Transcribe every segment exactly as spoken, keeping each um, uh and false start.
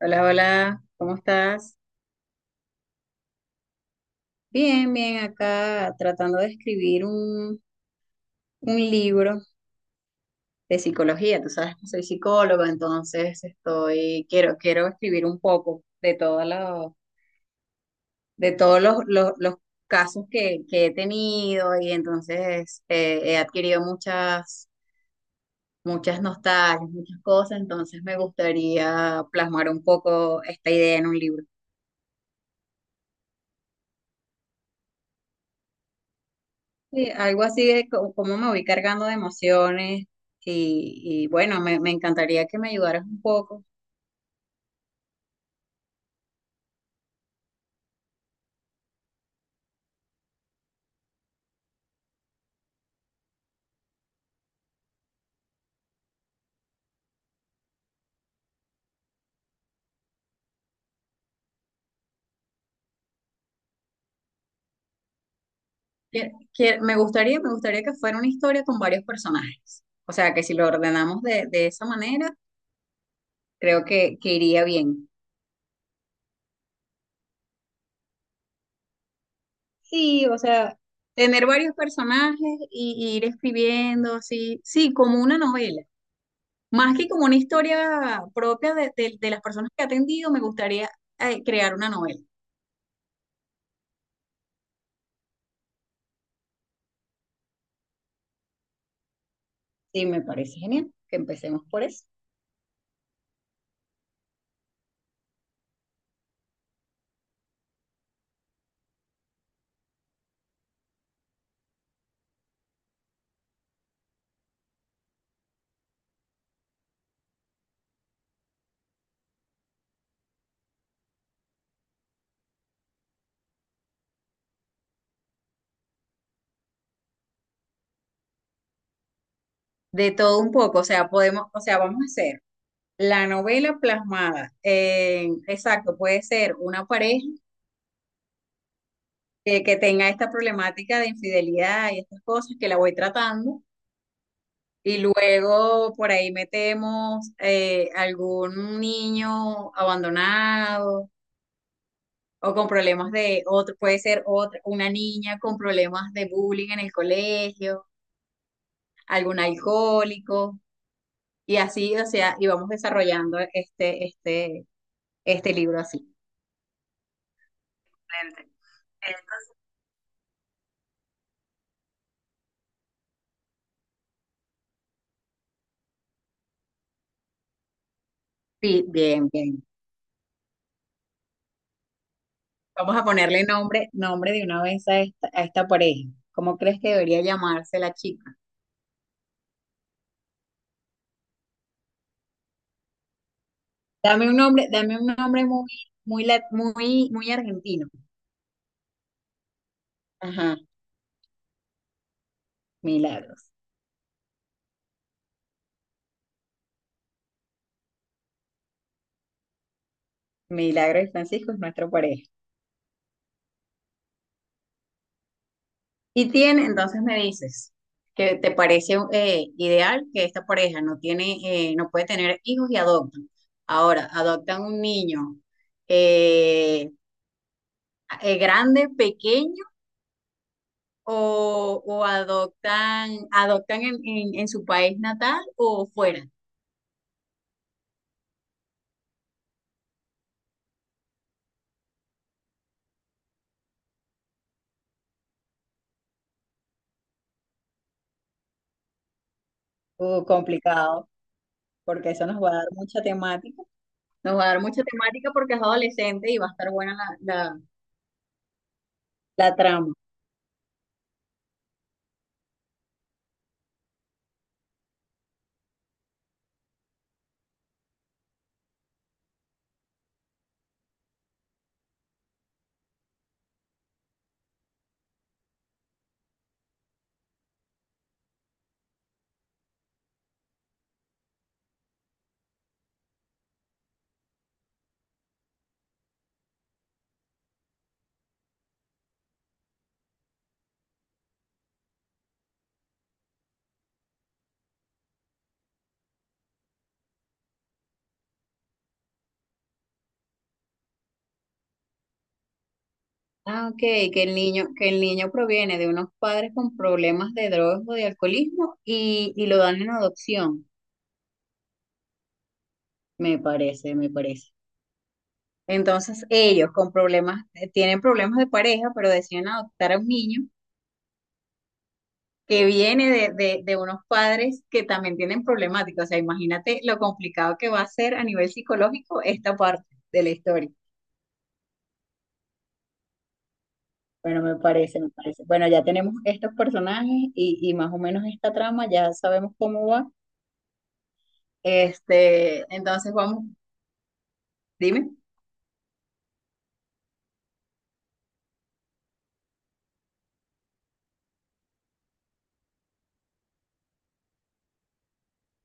Hola, hola, ¿cómo estás? Bien, bien, acá tratando de escribir un, un libro de psicología. Tú sabes que soy psicóloga, entonces estoy, quiero, quiero escribir un poco de todos los, de todos los, los, los casos que, que he tenido y entonces eh, he adquirido muchas, muchas nostalgias, muchas cosas, entonces me gustaría plasmar un poco esta idea en un libro. Sí, algo así de co- cómo me voy cargando de emociones y, y bueno, me, me encantaría que me ayudaras un poco. Quie- quie- me gustaría, me gustaría que fuera una historia con varios personajes. O sea, que si lo ordenamos de, de esa manera, creo que, que iría bien. Sí, o sea, tener varios personajes y, y ir escribiendo así, sí, como una novela. Más que como una historia propia de, de- de las personas que he atendido, me gustaría eh, crear una novela. Sí, me parece genial que empecemos por eso. De todo un poco, o sea, podemos, o sea, vamos a hacer la novela plasmada en, exacto, puede ser una pareja que, que tenga esta problemática de infidelidad y estas cosas que la voy tratando, y luego por ahí metemos eh, algún niño abandonado o con problemas de otro, puede ser otra, una niña con problemas de bullying en el colegio, algún alcohólico, y así, o sea, y vamos desarrollando este, este, este libro así. Excelente. Entonces, sí, bien, bien. Vamos a ponerle nombre, nombre de una vez a esta, a esta pareja. ¿Cómo crees que debería llamarse la chica? Dame un nombre, dame un nombre muy, muy, lat- muy, muy argentino. Ajá, Milagros. Milagros y Francisco es nuestra pareja. Y tiene, entonces me dices, que te parece eh, ideal que esta pareja no tiene, eh, no puede tener hijos y adoptan. Ahora, adoptan un niño eh, eh, grande, pequeño o, o adoptan, adoptan en, en, en su país natal o fuera. Uh, complicado, porque eso nos va a dar mucha temática. Nos va a dar mucha temática porque es adolescente y va a estar buena la, la... la trama. Ah, ok, que el niño, que el niño proviene de unos padres con problemas de drogas o de alcoholismo y, y lo dan en adopción. Me parece, me parece. Entonces ellos con problemas, eh, tienen problemas de pareja, pero deciden adoptar a un niño que viene de, de, de unos padres que también tienen problemáticas. O sea, imagínate lo complicado que va a ser a nivel psicológico esta parte de la historia. Bueno, me parece, me parece. Bueno, ya tenemos estos personajes y, y más o menos esta trama, ya sabemos cómo va. Este, entonces vamos, dime.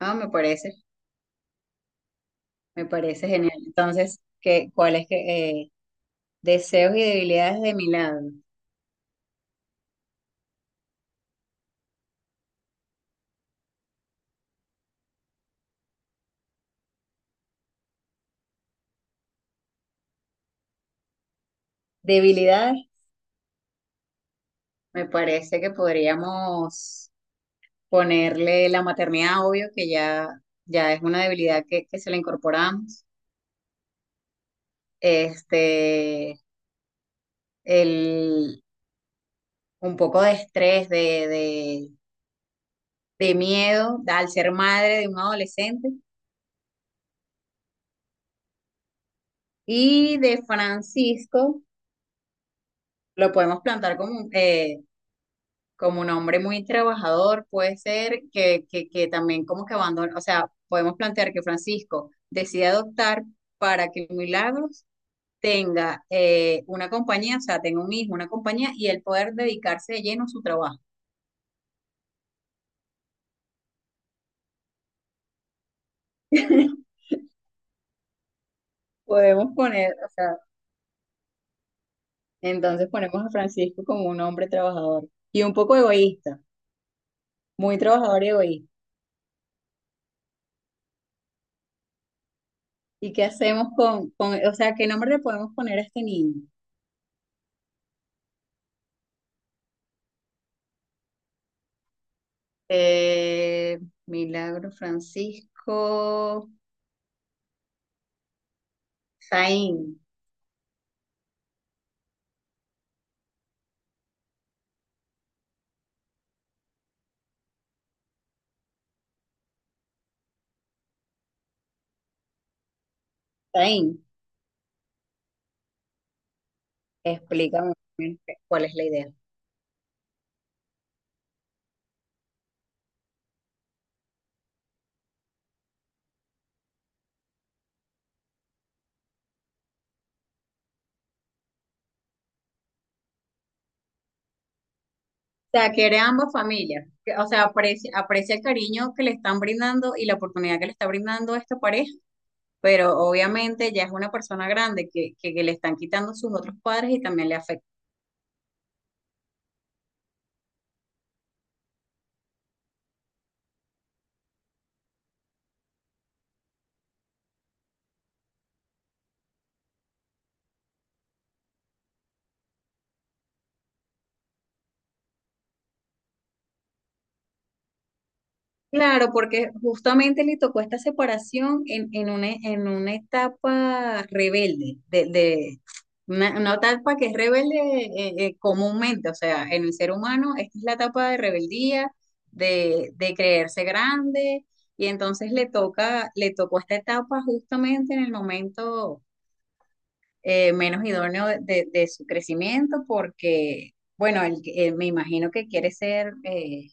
Ah, me parece, me parece genial. Entonces, ¿qué, cuáles que eh, deseos y debilidades de mi lado? Debilidades, me parece que podríamos ponerle la maternidad, obvio, que ya, ya es una debilidad que, que se le incorporamos. Este, el, un poco de estrés, de, de, de miedo al ser madre de un adolescente. Y de Francisco lo podemos plantar como, un, eh, como un hombre muy trabajador, puede ser que, que, que también como que abandona, o sea, podemos plantear que Francisco decide adoptar para que Milagros tenga eh, una compañía, o sea, tenga un hijo, una compañía y él poder dedicarse de lleno a su trabajo. Podemos poner, o sea, entonces ponemos a Francisco como un hombre trabajador y un poco egoísta, muy trabajador y egoísta. ¿Y qué hacemos con, con, o sea, qué nombre le podemos poner a este niño? Eh, Milagro Francisco Zain. Zain, explícame cuál es la idea. Sea, quiere a ambas familias. Que- O sea, aprecia, aprecia el cariño que le están brindando y la oportunidad que le está brindando esta pareja, pero obviamente ya es una persona grande que, que, que le están quitando sus otros padres y también le afecta. Claro, porque justamente le tocó esta separación en, en una, en una etapa rebelde, de, de- una, una etapa que es rebelde eh, eh, comúnmente, o sea, en el ser humano, esta es la etapa de rebeldía, de, de creerse grande, y entonces le toca, le tocó esta etapa justamente en el momento eh, menos idóneo de, de- de su crecimiento, porque, bueno, él, eh, me imagino que quiere ser... eh,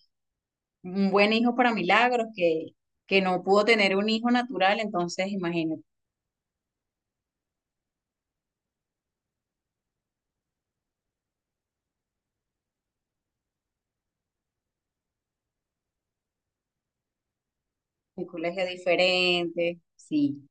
un buen hijo para Milagros, que, que no pudo tener un hijo natural, entonces imagínate, un colegio diferente, sí.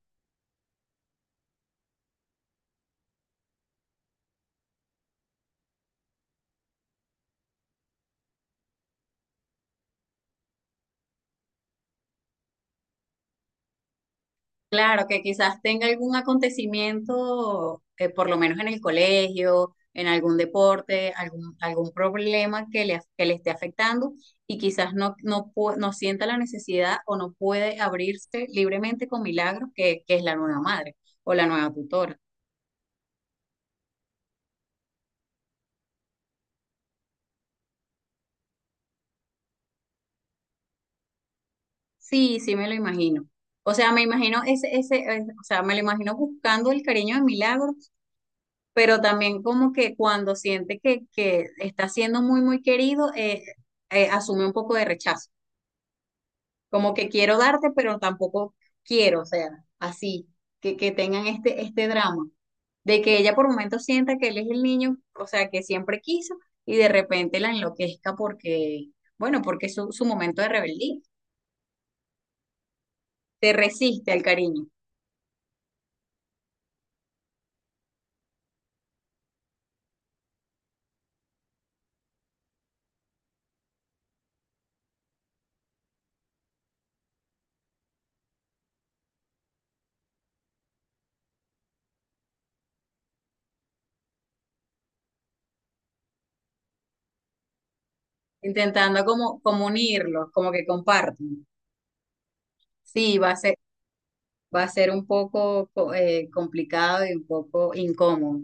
Claro, que quizás tenga algún acontecimiento, eh, por lo menos en el colegio, en algún deporte, algún, algún problema que le, af- que le esté afectando y quizás no, no, pu- no sienta la necesidad o no puede abrirse libremente con Milagros, que, que es la nueva madre o la nueva tutora. Sí, sí me lo imagino. O sea, me imagino ese, ese, eh, o sea, me lo imagino buscando el cariño de Milagro, pero también como que cuando siente que, que está siendo muy, muy querido, eh, eh, asume un poco de rechazo. Como que quiero darte, pero tampoco quiero, o sea, así, que, que tengan este, este drama, de que ella por momentos sienta que él es el niño, o sea, que siempre quiso, y de repente la enloquezca porque, bueno, porque es su, su momento de rebeldía, se resiste al cariño. Intentando como, como unirlos, como que compartan. Sí, va a ser, va a ser un poco co- eh, complicado y un poco incómodo.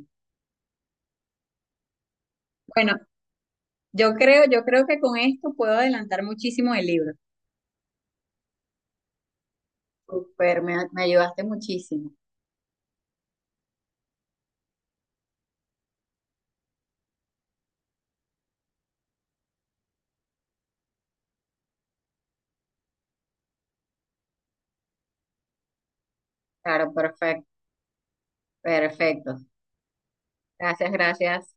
Bueno, yo creo, yo creo que con esto puedo adelantar muchísimo el libro. Super, me, me ayudaste muchísimo. Claro, perfecto, perfecto. Gracias, gracias.